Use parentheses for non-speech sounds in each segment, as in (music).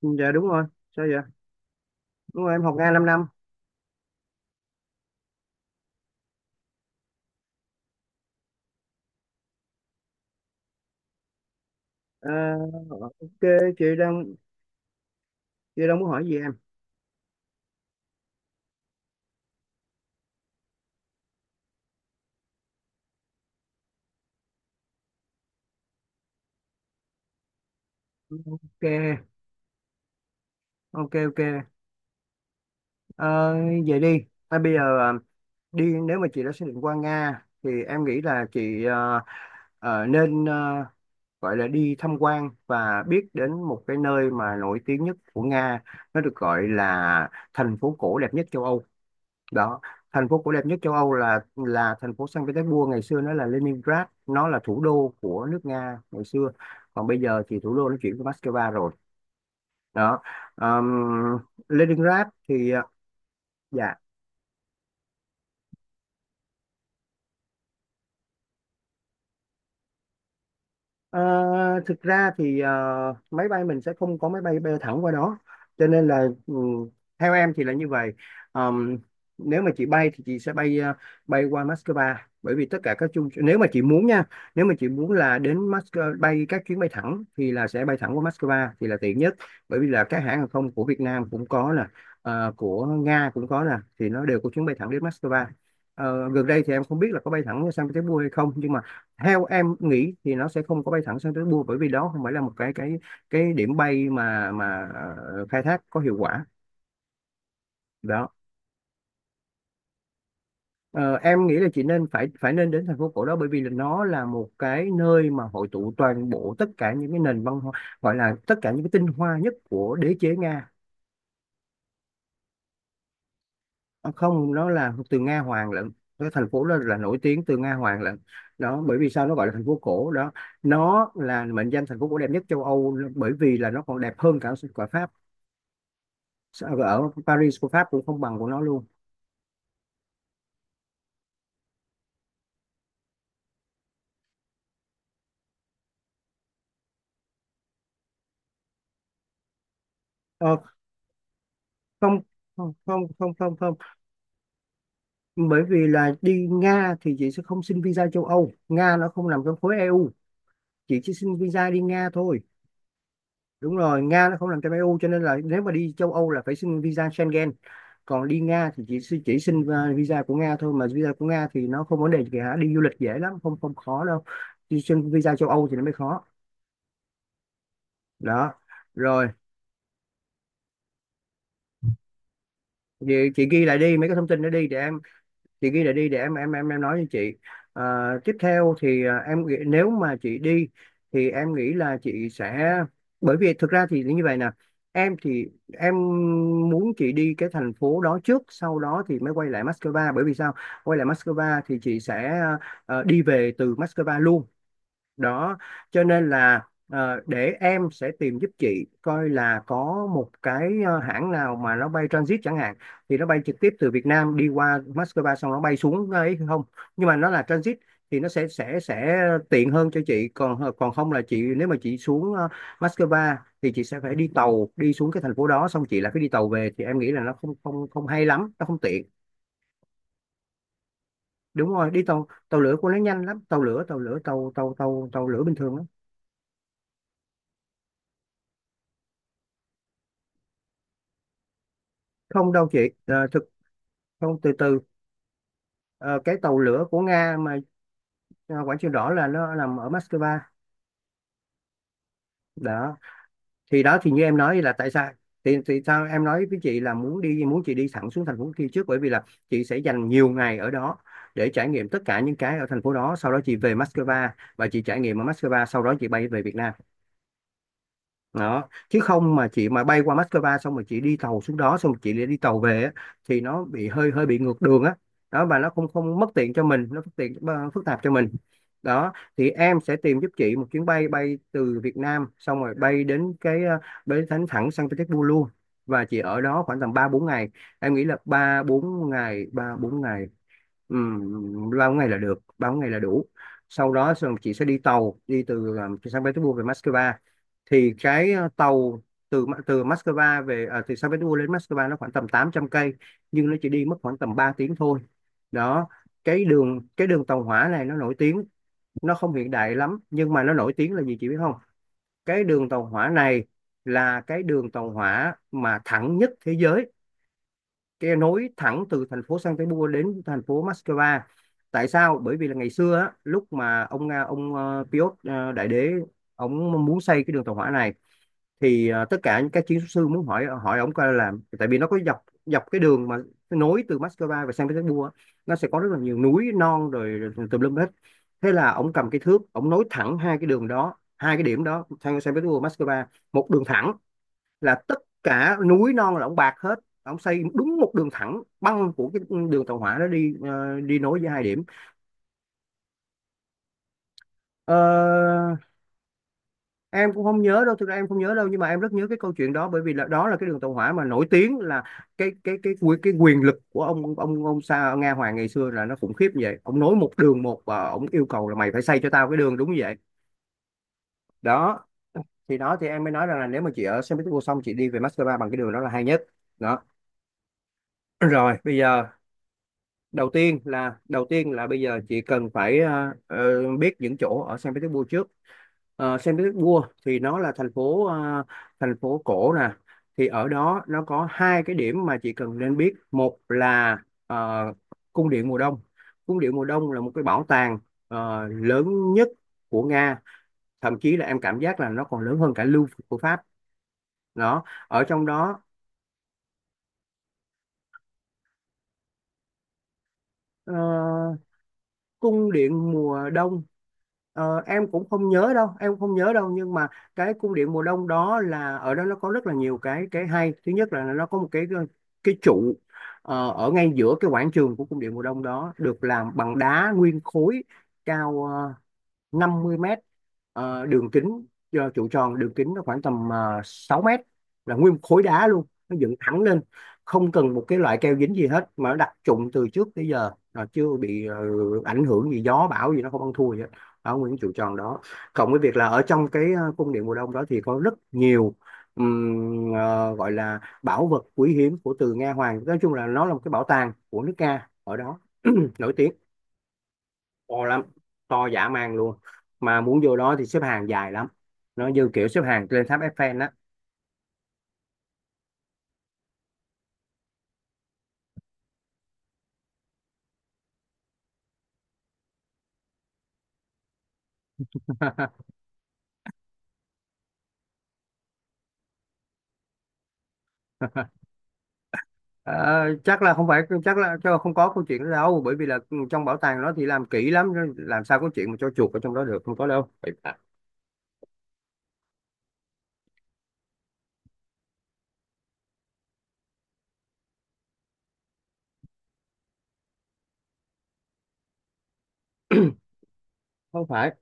Ừ, dạ đúng rồi. Sao vậy? Đúng rồi, em học Nga 5 năm. Ờ, ok, chị đang chị đang muốn hỏi gì em? Ok, ok, ok. Ờ, Vậy đi à, bây giờ đi, nếu mà chị đã xác định qua Nga thì em nghĩ là chị nên gọi là đi tham quan và biết đến một cái nơi mà nổi tiếng nhất của Nga, nó được gọi là thành phố cổ đẹp nhất châu Âu. Đó. Thành phố cổ đẹp nhất châu Âu là thành phố Saint Petersburg, ngày xưa nó là Leningrad, nó là thủ đô của nước Nga ngày xưa, còn bây giờ thì thủ đô nó chuyển qua Moscow rồi. Đó. Ờm, Leningrad thì, dạ. Ờ, Thực ra thì máy bay mình sẽ không có máy bay bay thẳng qua đó, cho nên là theo em thì là như vậy. Ờm, Nếu mà chị bay thì chị sẽ bay qua Moscow, bởi vì tất cả các chung, nếu mà chị muốn nha, nếu mà chị muốn là đến Moscow bay các chuyến bay thẳng thì là sẽ bay thẳng qua Moscow thì là tiện nhất. Bởi vì là các hãng hàng không của Việt Nam cũng có nè, của Nga cũng có nè, thì nó đều có chuyến bay thẳng đến Moscow. Gần đây thì em không biết là có bay thẳng sang Petersburg hay không, nhưng mà theo em nghĩ thì nó sẽ không có bay thẳng sang tới Bua, bởi vì đó không phải là một cái điểm bay mà khai thác có hiệu quả. Đó. Ờ, em nghĩ là chị nên phải phải nên đến thành phố cổ đó, bởi vì là nó là một cái nơi mà hội tụ toàn bộ tất cả những cái nền văn hóa, gọi là tất cả những cái tinh hoa nhất của đế chế Nga. Ờ, Không, nó là từ Nga Hoàng lận, cái thành phố đó là nổi tiếng từ Nga Hoàng lận. Đó, bởi vì sao nó gọi là thành phố cổ đó, nó là mệnh danh thành phố cổ đẹp nhất châu Âu, bởi vì là nó còn đẹp hơn cả cả Pháp, ở Paris của Pháp cũng không bằng của nó luôn. ờ, Không, không, không, không, không, không. Bởi vì là đi Nga thì chị sẽ không xin visa châu Âu, Nga nó không nằm trong khối EU, chị chỉ xin visa đi Nga thôi. Đúng rồi, Nga nó không nằm trong EU cho nên là nếu mà đi châu Âu là phải xin visa Schengen, còn đi Nga thì chị chỉ xin visa của Nga thôi, mà visa của Nga thì nó không vấn đề gì cả, đi du lịch dễ lắm, không, không khó đâu. Đi xin visa châu Âu thì nó mới khó. Đó. Rồi, vậy chị ghi lại đi mấy cái thông tin đó đi để em. Chị ghi lại đi để em nói cho chị. Ờ, Tiếp theo thì em nghĩ nếu mà chị đi thì em nghĩ là chị sẽ, bởi vì thực ra thì như vậy nè, em thì em muốn chị đi cái thành phố đó trước sau đó thì mới quay lại Moscow. Bởi vì sao? Quay lại Moscow thì chị sẽ đi về từ Moscow luôn. Đó, cho nên là để em sẽ tìm giúp chị coi là có một cái hãng nào mà nó bay transit chẳng hạn, thì nó bay trực tiếp từ Việt Nam đi qua Moscow xong nó bay xuống ấy không, nhưng mà nó là transit, thì nó sẽ tiện hơn cho chị. Còn không là chị, nếu mà chị xuống Moscow thì chị sẽ phải đi tàu đi xuống cái thành phố đó xong chị lại phải đi tàu về, thì em nghĩ là nó không không không hay lắm, nó không tiện. Đúng rồi, đi tàu, tàu lửa của nó nhanh lắm, tàu lửa tàu lửa tàu tàu tàu tàu lửa bình thường lắm. Không đâu chị. Ờ, Không, từ từ. Ờ, cái tàu lửa của Nga mà. Quảng Trường Đỏ là nó nằm ở Moscow. Đó. Thì đó, thì như em nói là tại sao, thì sao em nói với chị là muốn chị đi thẳng xuống thành phố kia trước, bởi vì là chị sẽ dành nhiều ngày ở đó để trải nghiệm tất cả những cái ở thành phố đó, sau đó chị về Moscow và chị trải nghiệm ở Moscow, sau đó chị bay về Việt Nam. Đó, chứ không mà chị mà bay qua Moscow xong rồi chị đi tàu xuống đó xong rồi chị lại đi tàu về á, thì nó bị hơi hơi bị ngược đường á. Đó, và nó không không mất tiện cho mình, nó phức tiện, phức tạp cho mình. Đó, thì em sẽ tìm giúp chị một chuyến bay bay từ Việt Nam xong rồi bay đến cái, bay thẳng thẳng San Petersburg luôn. Và chị ở đó khoảng tầm 3 4 ngày, em nghĩ là 3 4 ngày, 3 4 ngày. Ừ, bao ngày là được, bao ngày là đủ. Sau đó xong chị sẽ đi tàu đi từ từ San Petersburg về Moscow. Thì cái tàu từ từ Moscow về, từ Saint Petersburg đến Moscow nó khoảng tầm 800 cây, nhưng nó chỉ đi mất khoảng tầm 3 tiếng thôi. Đó, cái đường tàu hỏa này nó nổi tiếng, nó không hiện đại lắm, nhưng mà nó nổi tiếng là gì chị biết không? Cái đường tàu hỏa này là cái đường tàu hỏa mà thẳng nhất thế giới, cái nối thẳng từ thành phố Saint Petersburg đến thành phố Moscow. Tại sao? Bởi vì là ngày xưa á, lúc mà ông Piotr Đại Đế, ông muốn xây cái đường tàu hỏa này, thì tất cả những các chiến sư muốn hỏi hỏi ông coi làm, tại vì nó có dọc dọc cái đường mà nối từ Moscow và Saint Petersburg, nó sẽ có rất là nhiều núi non rồi tùm lum hết. Thế là ông cầm cái thước ông nối thẳng hai cái đường đó, hai cái điểm đó Saint Petersburg Moscow, một đường thẳng, là tất cả núi non là ông bạc hết. Ông xây đúng một đường thẳng băng của cái đường tàu hỏa đó đi nối với hai điểm. Ờ, em cũng không nhớ đâu, thực ra em không nhớ đâu, nhưng mà em rất nhớ cái câu chuyện đó, bởi vì là đó là cái đường tàu hỏa mà nổi tiếng là cái quyền lực của ông Sa Nga Hoàng ngày xưa là nó khủng khiếp như vậy, ông nối một đường và ông yêu cầu là mày phải xây cho tao cái đường đúng vậy. Đó thì đó thì em mới nói rằng là nếu mà chị ở Saint Petersburg xong chị đi về Moscow bằng cái đường đó là hay nhất. Đó. Rồi bây giờ, đầu tiên là bây giờ chị cần phải biết những chỗ ở Saint Petersburg trước. Saint Petersburg thì nó là thành phố cổ nè, thì ở đó nó có hai cái điểm mà chị cần nên biết, một là ờ, cung điện mùa đông. Cung điện mùa đông là một cái bảo tàng lớn nhất của Nga, thậm chí là em cảm giác là nó còn lớn hơn cả Louvre của Pháp. Đó, ở trong đó, ờ, cung điện mùa đông. Em cũng không nhớ đâu, em không nhớ đâu, nhưng mà cái cung điện mùa đông đó là ở đó nó có rất là nhiều cái hay, thứ nhất là nó có một cái trụ ở ngay giữa cái quảng trường của cung điện mùa đông đó, được làm bằng đá nguyên khối, cao 50 mét, đường kính, trụ tròn đường kính nó khoảng tầm 6 mét, là nguyên một khối đá luôn nó dựng thẳng lên, không cần một cái loại keo dính gì hết, mà nó đặt trụng từ trước tới giờ là chưa bị ảnh hưởng gì, gió bão gì nó không ăn thua gì hết, ở nguyên trụ tròn đó, cộng với việc là ở trong cái cung điện mùa đông đó thì có rất nhiều, gọi là bảo vật quý hiếm của từ Nga Hoàng, nói chung là nó là một cái bảo tàng của nước Nga ở đó nổi tiếng. To lắm, to dã man luôn, mà muốn vô đó thì xếp hàng dài lắm, nó như kiểu xếp hàng lên tháp Eiffel đó. (laughs) Ờ, Chắc là không phải, chắc là không có câu chuyện đó đâu, bởi vì là trong bảo tàng nó thì làm kỹ lắm, làm sao có chuyện mà cho chuột ở trong đó được, không có đâu. Không phải.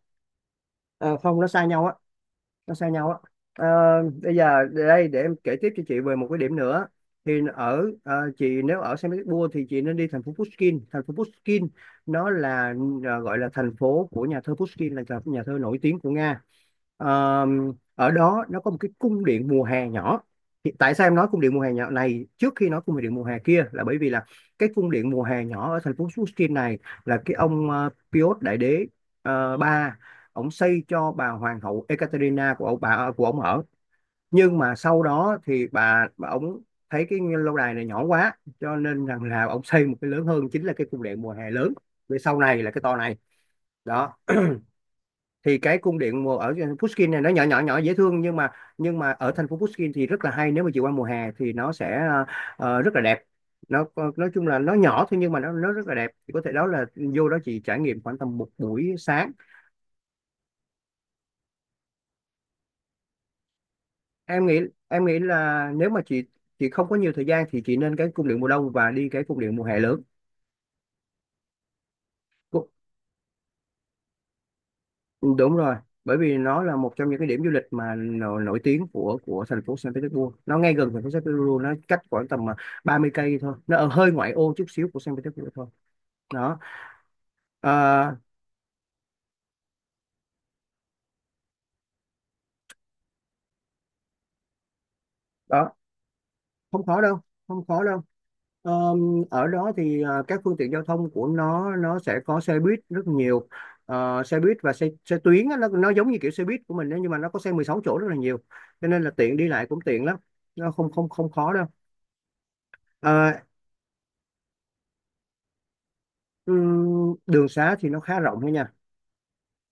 Ờ, không, nó xa nhau á, nó xa nhau á. Ờ, Bây giờ để đây, để em kể tiếp cho chị về một cái điểm nữa. Thì ở chị nếu ở Saint Petersburg thì chị nên đi thành phố Pushkin. Thành phố Pushkin nó là gọi là thành phố của nhà thơ Pushkin, là nhà nhà thơ nổi tiếng của Nga. Ờ, Ở đó nó có một cái cung điện mùa hè nhỏ. Thì tại sao em nói cung điện mùa hè nhỏ này trước khi nói cung điện mùa hè kia, là bởi vì là cái cung điện mùa hè nhỏ ở thành phố Pushkin này là cái ông Piotr Đại Đế. Ba Ổng xây cho bà hoàng hậu Ekaterina của ông bà của ổng ở, nhưng mà sau đó thì bà ổng thấy cái lâu đài này nhỏ quá cho nên rằng là ổng xây một cái lớn hơn, chính là cái cung điện mùa hè lớn về sau này, là cái to này đó. Thì cái cung điện mùa ở Pushkin này nó nhỏ nhỏ nhỏ dễ thương, nhưng mà ở thành phố Pushkin thì rất là hay, nếu mà chị qua mùa hè thì nó sẽ rất là đẹp. Nó nói chung là nó nhỏ thôi, nhưng mà nó rất là đẹp. Thì có thể đó là vô đó chị trải nghiệm khoảng tầm một buổi sáng. Em nghĩ em nghĩ là nếu mà chị không có nhiều thời gian thì chị nên cái cung điện mùa đông và đi cái cung điện mùa hè lớn. Cu- Đúng rồi, bởi vì nó là một trong những cái điểm du lịch mà nổi tiếng của thành phố Saint Petersburg. Nó ngay gần thành phố Saint Petersburg, nó cách khoảng tầm 30 cây thôi, nó ở hơi ngoại ô chút xíu của Saint Petersburg thôi đó. à, Đó, không khó đâu, không khó đâu. Ờ, Ở đó thì các phương tiện giao thông của nó sẽ có xe buýt rất nhiều. Ờ, xe buýt và xe xe tuyến á, nó giống như kiểu xe buýt của mình đấy, nhưng mà nó có xe 16 chỗ rất là nhiều, cho nên là tiện, đi lại cũng tiện lắm, nó không không không khó đâu. Ờ, Đường xá thì nó khá rộng thôi nha.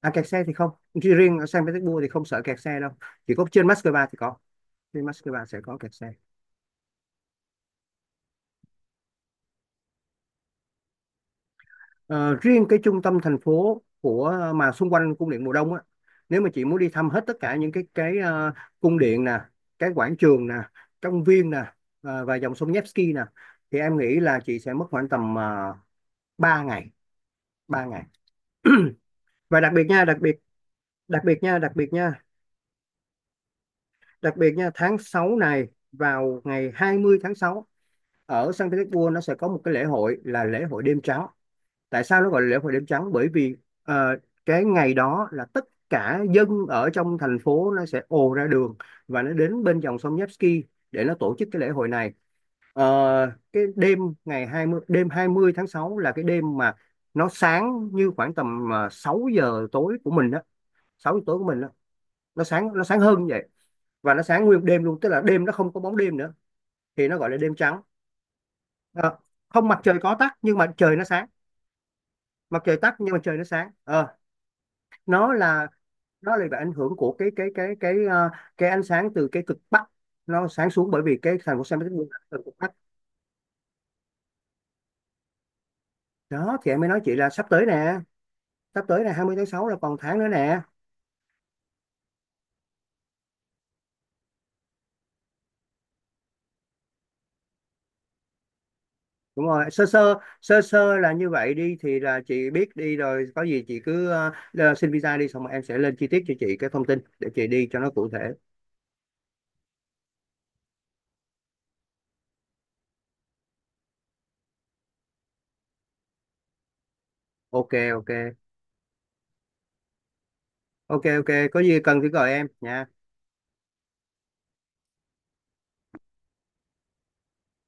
À, kẹt xe thì không. Chỉ riêng ở Saint Petersburg thì không sợ kẹt xe đâu, chỉ có trên Moscow thì có, trên Moscow sẽ có kẹt xe. Ờ, Riêng cái trung tâm thành phố của mà xung quanh cung điện mùa đông á, nếu mà chị muốn đi thăm hết tất cả những cái cung điện nè, cái quảng trường nè, công viên nè, và dòng sông Nevsky nè, thì em nghĩ là chị sẽ mất khoảng tầm 3 ngày, ba ngày. (clears throat) Và đặc biệt nha, đặc biệt, đặc biệt nha, đặc biệt nha, đặc biệt nha, tháng 6 này, vào ngày 20 tháng 6, ở Saint Petersburg nó sẽ có một cái lễ hội, là lễ hội đêm trắng. Tại sao nó gọi là lễ hội đêm trắng? Bởi vì ờ, cái ngày đó là tất cả dân ở trong thành phố nó sẽ ồ ra đường và nó đến bên dòng sông Nevsky để nó tổ chức cái lễ hội này. Ờ, cái đêm, ngày 20, đêm 20 tháng 6 là cái đêm mà nó sáng như khoảng tầm 6 giờ tối của mình đó, 6 giờ tối của mình đó. Nó sáng nó sáng hơn như vậy, và nó sáng nguyên đêm luôn, tức là đêm nó không có bóng đêm nữa, thì nó gọi là đêm trắng. Ờ, không, mặt trời có tắt nhưng mà trời nó sáng, mặt trời tắt nhưng mà trời nó sáng. Ờ, nó là nó là bị ảnh hưởng của cái cái cái ánh sáng từ cái cực bắc, nó sáng xuống, bởi vì cái thành phố San Francisco là từ cực bắc đó. Thì em mới nói chị là sắp tới nè, sắp tới là 20 tháng 6, là còn tháng nữa nè. Đúng rồi, sơ sơ, sơ sơ là như vậy. Đi thì là chị biết đi rồi, có gì chị cứ xin visa đi xong rồi em sẽ lên chi tiết cho chị cái thông tin để chị đi cho nó cụ thể. Ok, ok. Ok, ok, có gì cần thì gọi em nha.